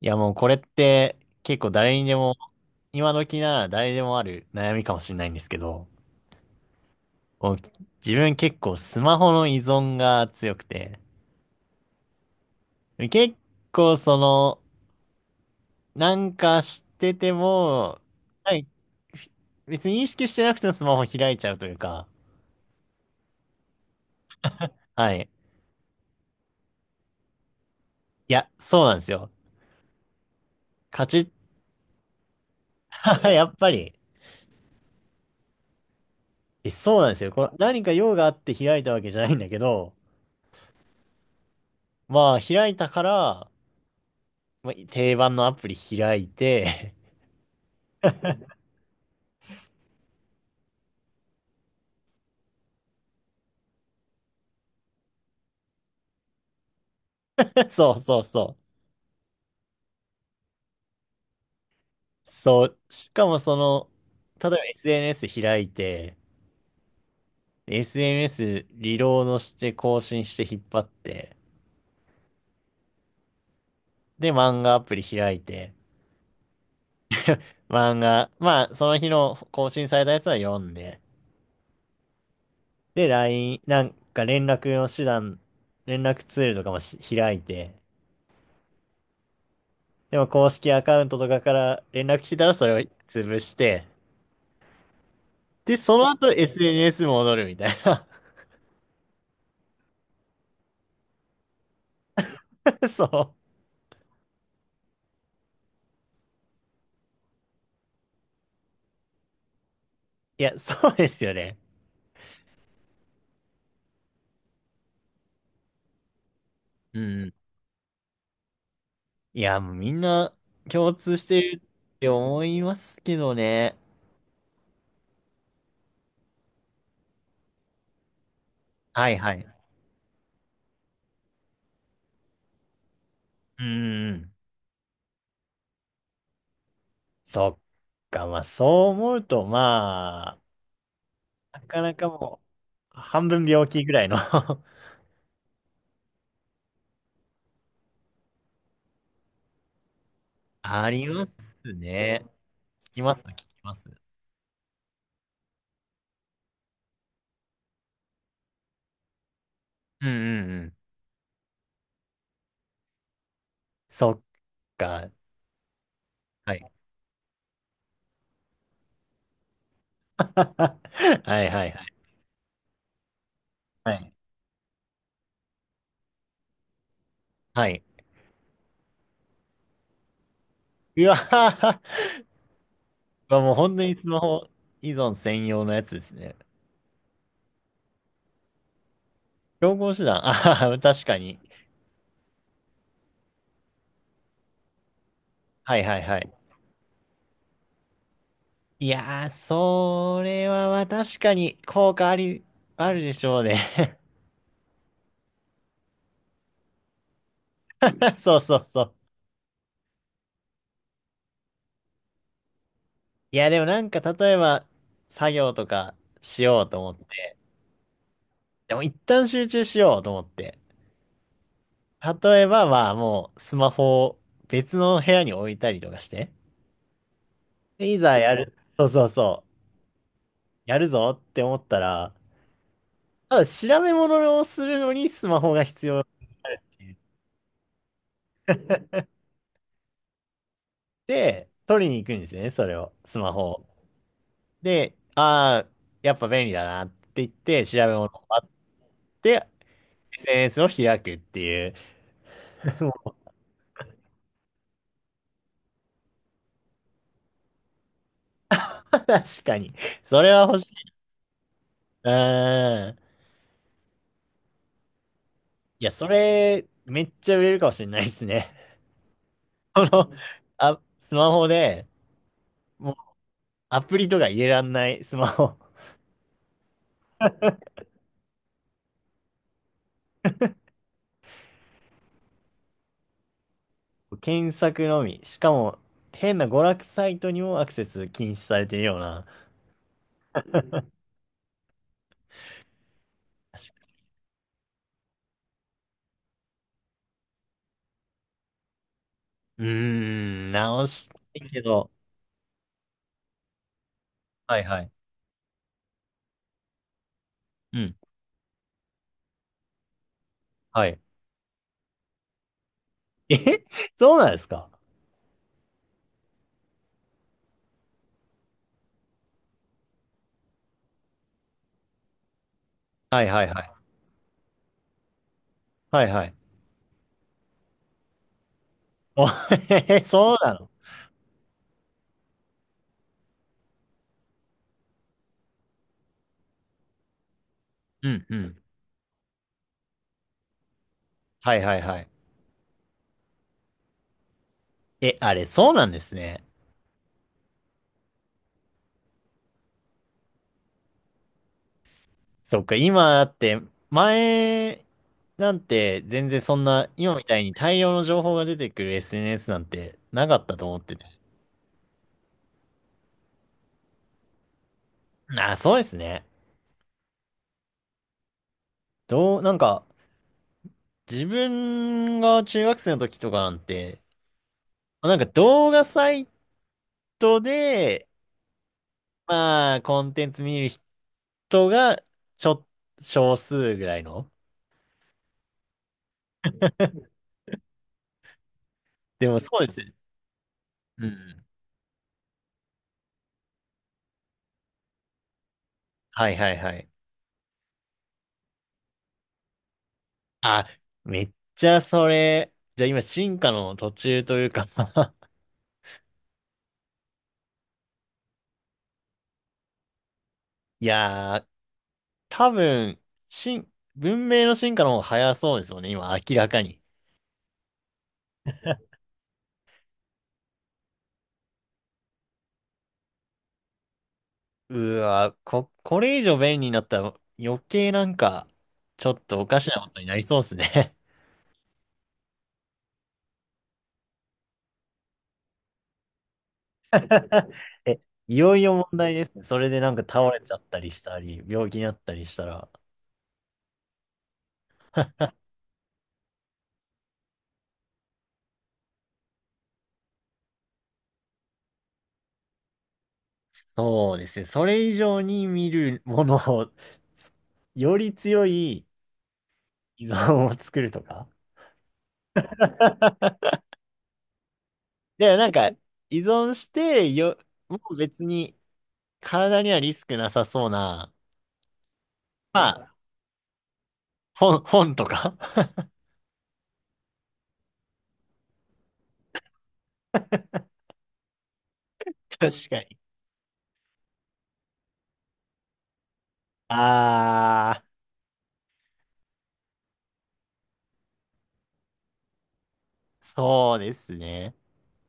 いやもうこれって結構誰にでも、今時なら誰でもある悩みかもしれないんですけど、もう自分結構スマホの依存が強くて、結構その、なんかしてても、はい、ふ別に意識してなくてもスマホ開いちゃうというか。はい。いや、そうなんですよ。カチッ、やっぱり、え、そうなんですよ。これ何か用があって開いたわけじゃないんだけど、まあ開いたから、まあ、定番のアプリ開いて。 そうそうそう。そう。しかもその、例えば SNS 開いて、SNS リロードして更新して引っ張って、で、漫画アプリ開いて、漫画、まあ、その日の更新されたやつは読んで、で、ラインなんか連絡の手段、連絡ツールとかもし開いて、でも公式アカウントとかから連絡来たらそれを潰して、で、その後 SNS 戻るみたいな。そう。いや、そうですよね。うん。いや、もうみんな共通してるって思いますけどね。はいはい。うーん。そっか。まあそう思うと、まあ、なかなかもう、半分病気ぐらいの。 ありますね。聞きます、聞きます。うんうんうん。そっか。はい。はいはいはい。はい。はい。うわはは、もう本当にスマホ依存専用のやつですね。競合手段。あはは、確かに。はいはいはい。いやー、それはまあ確かに効果あり、あるでしょうね。そうそうそう。いや、でもなんか例えば作業とかしようと思って。でも一旦集中しようと思って。例えばまあもうスマホを別の部屋に置いたりとかして。でいざやる。そうそうそう。やるぞって思ったら、ただ調べ物をするのにスマホが必要って言って、取りに行くんですよね、それを。スマホを。で、ああ、やっぱ便利だなって言って、調べ物を待って、SNS を開くっていう。もう確かに。それは欲しい。うーん。いや、それ、めっちゃ売れるかもしれないですね。この、あ、スマホで、もうアプリとか入れらんないスマホ。検索のみ。しかも、変な娯楽サイトにもアクセス禁止されてるような。うーん、直したいけど。はいはい。うん。はい。え。 そうなんですか。はいはいはい。はいはい。お。 へへ、そうなの。うんうん。はいはいはい。え、あれ、そうなんですね。そっか、今だって、前なんて全然そんな、今みたいに大量の情報が出てくる SNS なんてなかったと思ってて。ああ、そうですね。どう、なんか、自分が中学生の時とかなんて、なんか動画サイトで、まあ、コンテンツ見る人が、ちょ、少数ぐらいの。でもそうですよ。うん。はいはいはい。あ、めっちゃそれ、じゃあ今進化の途中というか。 いやー、多分、進、文明の進化の方が早そうですよね、今明らかに。うわ、こ、これ以上便利になったら余計なんか、ちょっとおかしなことになりそうですね。 え、いよいよ問題ですね。それでなんか倒れちゃったりしたり、病気になったりしたら。そうですね。それ以上に見るものを、より強い依存を作るとか。で、なんか、依存してよ、もう別に体にはリスクなさそうな、まあ、本、本とか。 確かに。ああ、そうですね。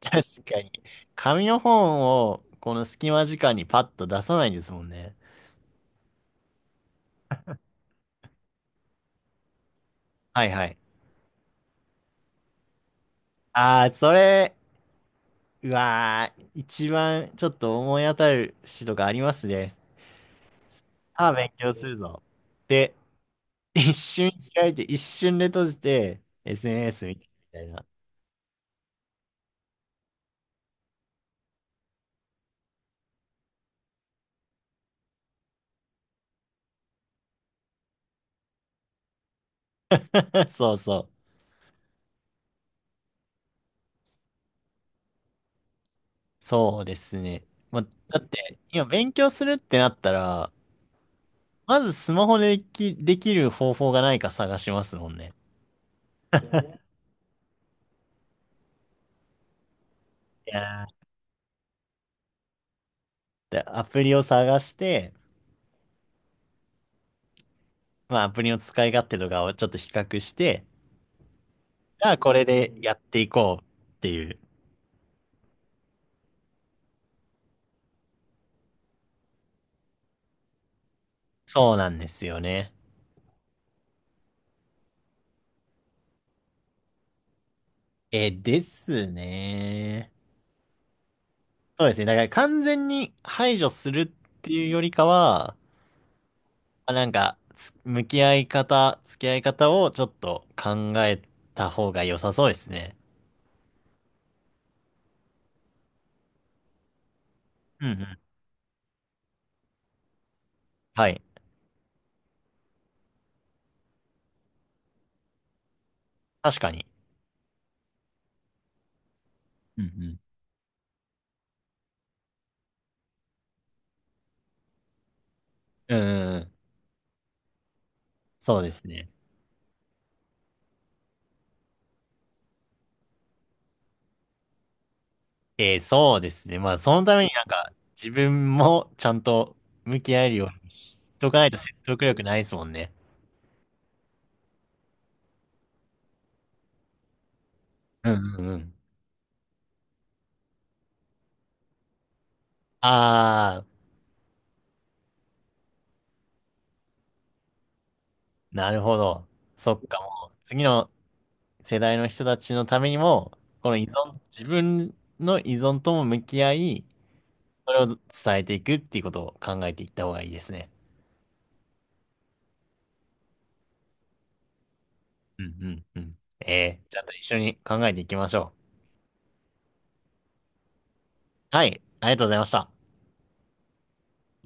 確かに。紙の本を、この隙間時間にパッと出さないんですもんね。はいはい。ああ、それ、うわー、一番ちょっと思い当たる詩とかありますね。さあ、勉強するぞ。で、一瞬開いて、一瞬で閉じて、SNS 見てみたいな。そうそう。そうですね。まあ、だって、今勉強するってなったら、まずスマホででき、できる方法がないか探しますもんね。いやー、でアプリを探して、まあ、アプリの使い勝手とかをちょっと比較して、じゃあこれでやっていこうっていう。そうなんですよね。え、ですね。そうですね。だから完全に排除するっていうよりかは、あなんか、つ向き合い方、付き合い方をちょっと考えた方が良さそうですね。うんうん。はい。確かに。うんうん。うんうんうんうん。そうですね。えー、そうですね。まあ、そのためになんか、自分もちゃんと向き合えるようにしとかないと説得力ないですもんね。うんうんうん。あー、なるほど。そっか、もう、次の世代の人たちのためにも、この依存、自分の依存とも向き合い、それを伝えていくっていうことを考えていった方がいいですね。うんうんうん。ええ、ちゃんと一緒に考えていきましょう。はい、ありがとうございました。